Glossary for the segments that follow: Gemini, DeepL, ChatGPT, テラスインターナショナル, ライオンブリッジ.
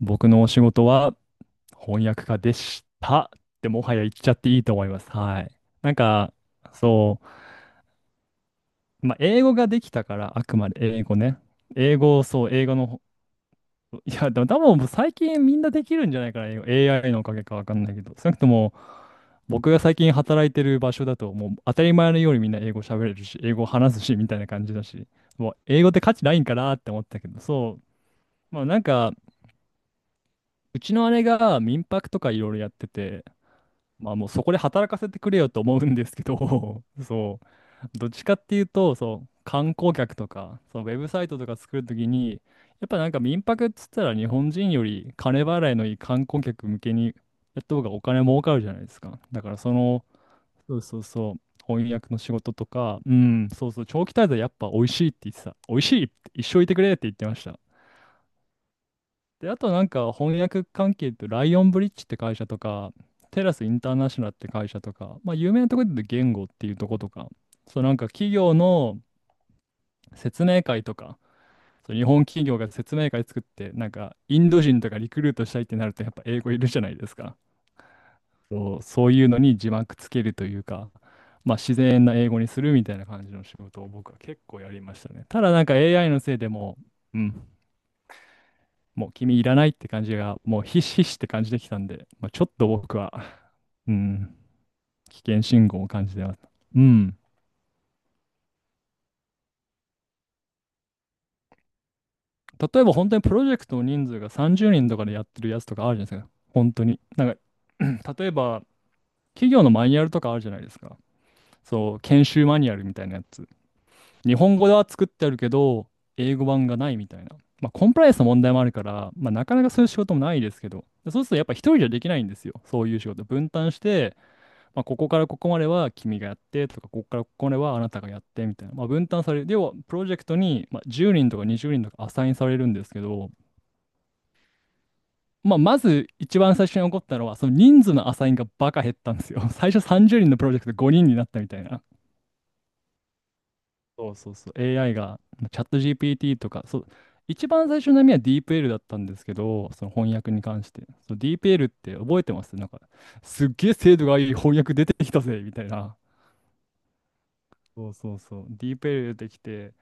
僕のお仕事は翻訳家でしたってもはや言っちゃっていいと思います。はい。なんか、そ英語ができたから、あくまで英語ね。英語、そう、英語の、いや、でも多分最近みんなできるんじゃないかな、英語 AI のおかげかわかんないけど、少なくとも僕が最近働いてる場所だと、もう当たり前のようにみんな英語喋れるし、英語話すし、みたいな感じだし、もう英語って価値ないんかなって思ったけど、う、まあなんか、うちの姉が民泊とかいろいろやってて、まあもうそこで働かせてくれよと思うんですけど、どっちかっていうと、観光客とか、そのウェブサイトとか作るときに、やっぱなんか民泊っつったら日本人より金払いのいい観光客向けにやった方がお金儲かるじゃないですか。だからその、そうそうそう、翻訳の仕事とか、長期滞在やっぱ美味しいって言ってた。美味しいって、一生いてくれって言ってました。で、あとなんか翻訳関係ってライオンブリッジって会社とか、テラスインターナショナルって会社とか、まあ有名なところで言うと言語っていうとことか、そうなんか企業の説明会とか、そう日本企業が説明会作って、なんかインド人とかリクルートしたいってなるとやっぱ英語いるじゃないですか。そういうのに字幕つけるというか、まあ自然な英語にするみたいな感じの仕事を僕は結構やりましたね。ただなんか AI のせいでう、うんもう君いらないって感じが、もうひしひしって感じできたんで、ちょっと僕は、うん、危険信号を感じてます。うん。例えば本当にプロジェクトの人数が30人とかでやってるやつとかあるじゃないですか。本当に。例えば、企業のマニュアルとかあるじゃないですか。そう、研修マニュアルみたいなやつ。日本語では作ってあるけど、英語版がないみたいな。まあ、コンプライアンスの問題もあるから、まあ、なかなかそういう仕事もないですけど、そうするとやっぱ一人じゃできないんですよ。そういう仕事。分担して、まあ、ここからここまでは君がやってとか、ここからここまではあなたがやってみたいな、まあ、分担される。要は、プロジェクトに、まあ、10人とか20人とかアサインされるんですけど、まあ、まず一番最初に起こったのは、その人数のアサインがバカ減ったんですよ。最初30人のプロジェクト5人になったみたいな。そうそうそう。AI が、チャット GPT とか、そう、一番最初の波は DeepL だったんですけど、その翻訳に関して。そう、DeepL って覚えてますなんか、すっげえ精度がいい翻訳出てきたぜみたいな。そうそうそう。DeepL 出てきて、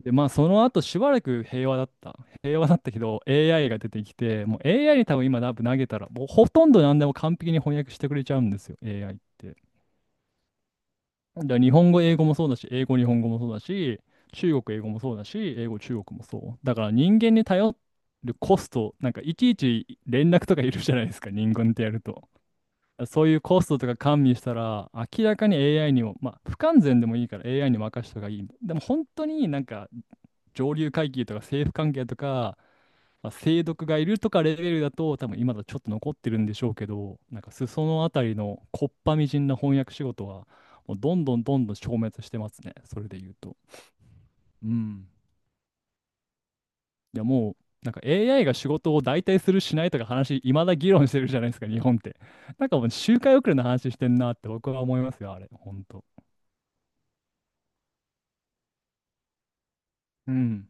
で、まあ、その後しばらく平和だった。平和だったけど、AI が出てきて、もう AI に多分今投げたら、もうほとんど何でも完璧に翻訳してくれちゃうんですよ、AI って。だから日本語、英語もそうだし、英語、日本語もそうだし、中国、英語もそうだし、英語、中国もそう。だから人間に頼るコスト、なんかいちいち連絡とかいるじゃないですか、人間ってやると。そういうコストとか加味したら、明らかに AI にも、まあ、不完全でもいいから AI に任せた方がいい。でも本当になんか上流階級とか政府関係とか、まあ、清毒がいるとかレベルだと多分今だとちょっと残ってるんでしょうけど、なんか裾野あたりのこっぱみじんな翻訳仕事はもうどんどんどんどん消滅してますねそれで言うと。うん。いやもうなんか AI が仕事を代替するしないとか話いまだ議論してるじゃないですか日本って。なんかもう周回遅れの話してんなって僕は思いますよあれ本当。うん。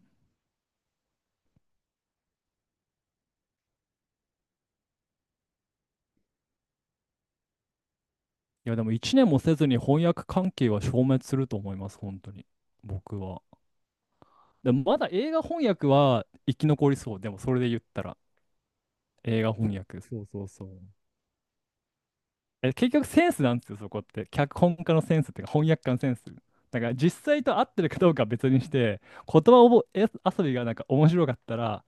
いやでも1年もせずに翻訳関係は消滅すると思います本当に僕は。でもまだ映画翻訳は生き残りそう。でもそれで言ったら。映画翻訳。そうそうそう。え、結局センスなんですよ、そこって。脚本家のセンスっていうか、翻訳家のセンス。だから実際と合ってるかどうかは別にして、言葉を覚え遊びがなんか面白かったら、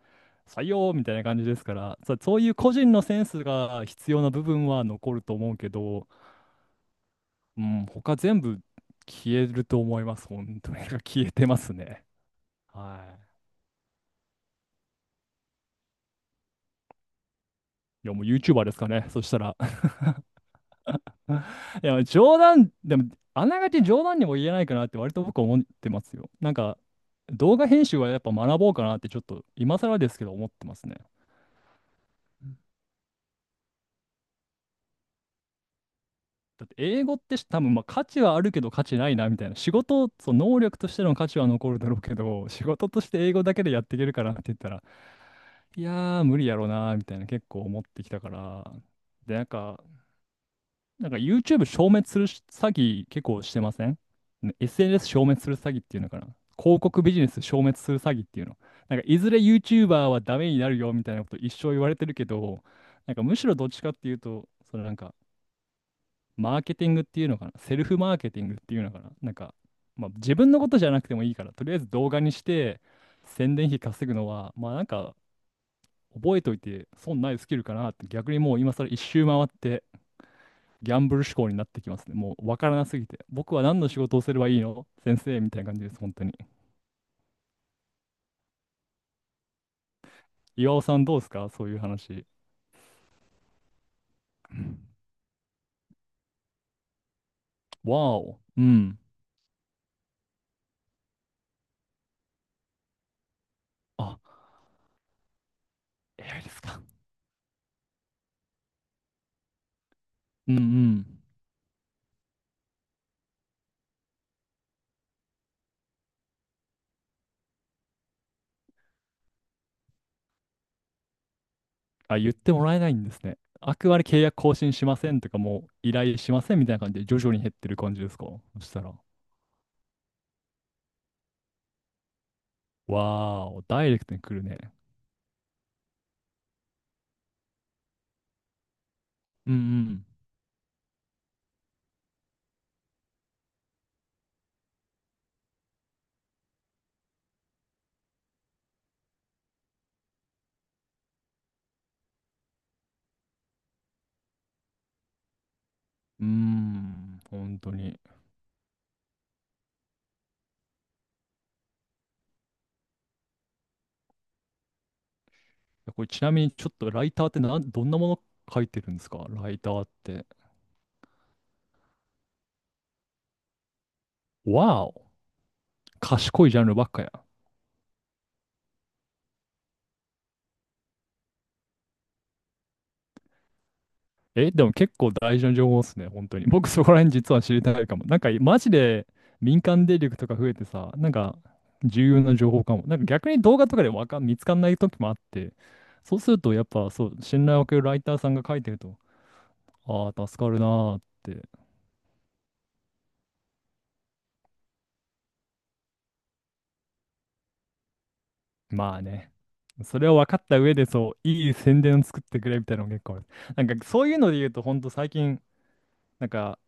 採用みたいな感じですから、そういう個人のセンスが必要な部分は残ると思うけど、うん、他全部消えると思います。本当に 消えてますね。はい。いや、もう YouTuber ですかね。そしたら。いや、でも、あながち冗談にも言えないかなって割と僕思ってますよ。動画編集はやっぱ学ぼうかなってちょっと今更ですけど思ってますね。だって英語って多分まあ価値はあるけど価値ないなみたいな。仕事、その能力としての価値は残るだろうけど、仕事として英語だけでやっていけるかなって言ったら、いやー無理やろうなみたいな結構思ってきたから。で、なんか YouTube 消滅する詐欺結構してませんね？ SNS 消滅する詐欺っていうのかな、広告ビジネス消滅する詐欺っていうの。なんかいずれ YouTuber はダメになるよみたいなこと一生言われてるけど、なんかむしろどっちかっていうと、そのなんかマーケティングっていうのかな、セルフマーケティングっていうのかな、なんか、まあ、自分のことじゃなくてもいいから、とりあえず動画にして宣伝費稼ぐのは、まあなんか覚えといて損ないスキルかなって逆にもう今更一周回ってギャンブル志向になってきますね。もう分からなすぎて。僕は何の仕事をすればいいの先生みたいな感じです、本当に。岩尾さんどうですかそういう話。わお。うん。あ、AI ですか。うんうん。あ、言ってもらえないんですね。あくまで契約更新しませんとか、もう依頼しませんみたいな感じで徐々に減ってる感じですかそしたら。わーお、ダイレクトに来るね。うんうん。うーん、本当に。これちなみにちょっとライターってどんなもの書いてるんですかライターって。わー賢いジャンルばっかやん。え、でも結構大事な情報っすね、本当に。僕そこら辺実は知りたいかも。なんかマジで民間電力とか増えてさ、なんか重要な情報かも。なんか逆に動画とかでわかん、見つかんない時もあって、そうするとやっぱそう、信頼を受けるライターさんが書いてると、ああ、助かるなーって。まあね。それを分かった上でそう、いい宣伝を作ってくれみたいなのも結構ある。なんかそういうので言うと、ほんと最近、なんか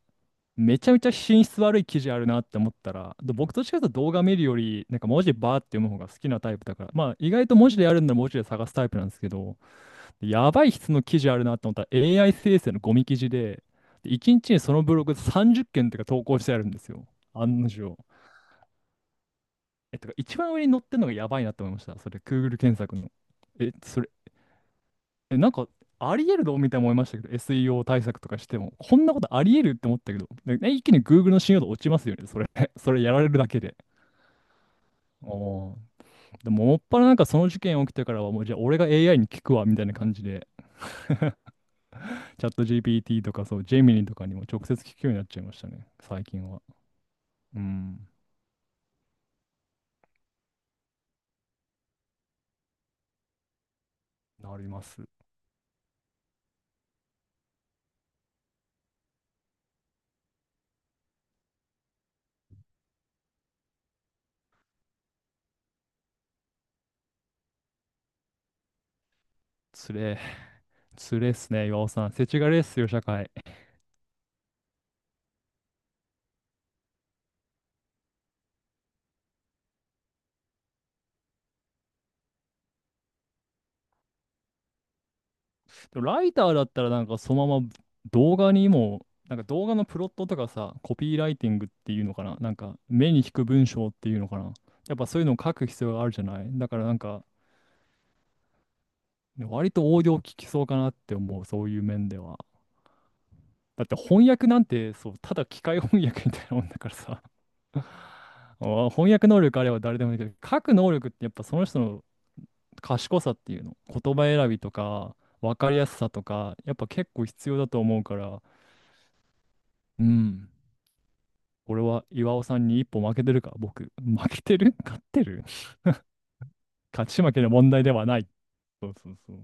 めちゃめちゃ品質悪い記事あるなって思ったら、で僕と違うと動画見るより、なんか文字バーって読む方が好きなタイプだから、まあ意外と文字でやるんなら文字で探すタイプなんですけど、やばい質の記事あるなって思ったら AI 生成のゴミ記事で、で1日にちにそのブログ30件とか投稿してあるんですよ。案の定。え、とか一番上に載ってるのがやばいなって思いました。それ、Google 検索の。え、それえ、なんか、あり得るのみたいに思いましたけど、SEO 対策とかしても、こんなことあり得るって思ったけど、でね一気に Google の信用度落ちますよね、それ。それやられるだけで。おーでも、もっぱらなんかその事件起きてからは、もうじゃあ俺が AI に聞くわ、みたいな感じで、チャット GPT とか、そう、ジェミニとかにも直接聞くようになっちゃいましたね、最近は。うん、なります。つれえ、つれえっすね、岩尾さん。世知辛いっすよ、社会。でもライターだったらなんかそのまま動画にも、なんか動画のプロットとかさ、コピーライティングっていうのかな、なんか目に引く文章っていうのかな。やっぱそういうのを書く必要があるじゃない。だからなんか、割と応用利きそうかなって思う、そういう面では。だって翻訳なんて、そう、ただ機械翻訳みたいなもんだからさ。あ翻訳能力あれば誰でもできる。書く能力ってやっぱその人の賢さっていうの。言葉選びとか、分かりやすさとか、やっぱ結構必要だと思うから、うん。俺は岩尾さんに一歩負けてるか僕。負けてる勝ってる 勝ち負けの問題ではない。そうそうそう。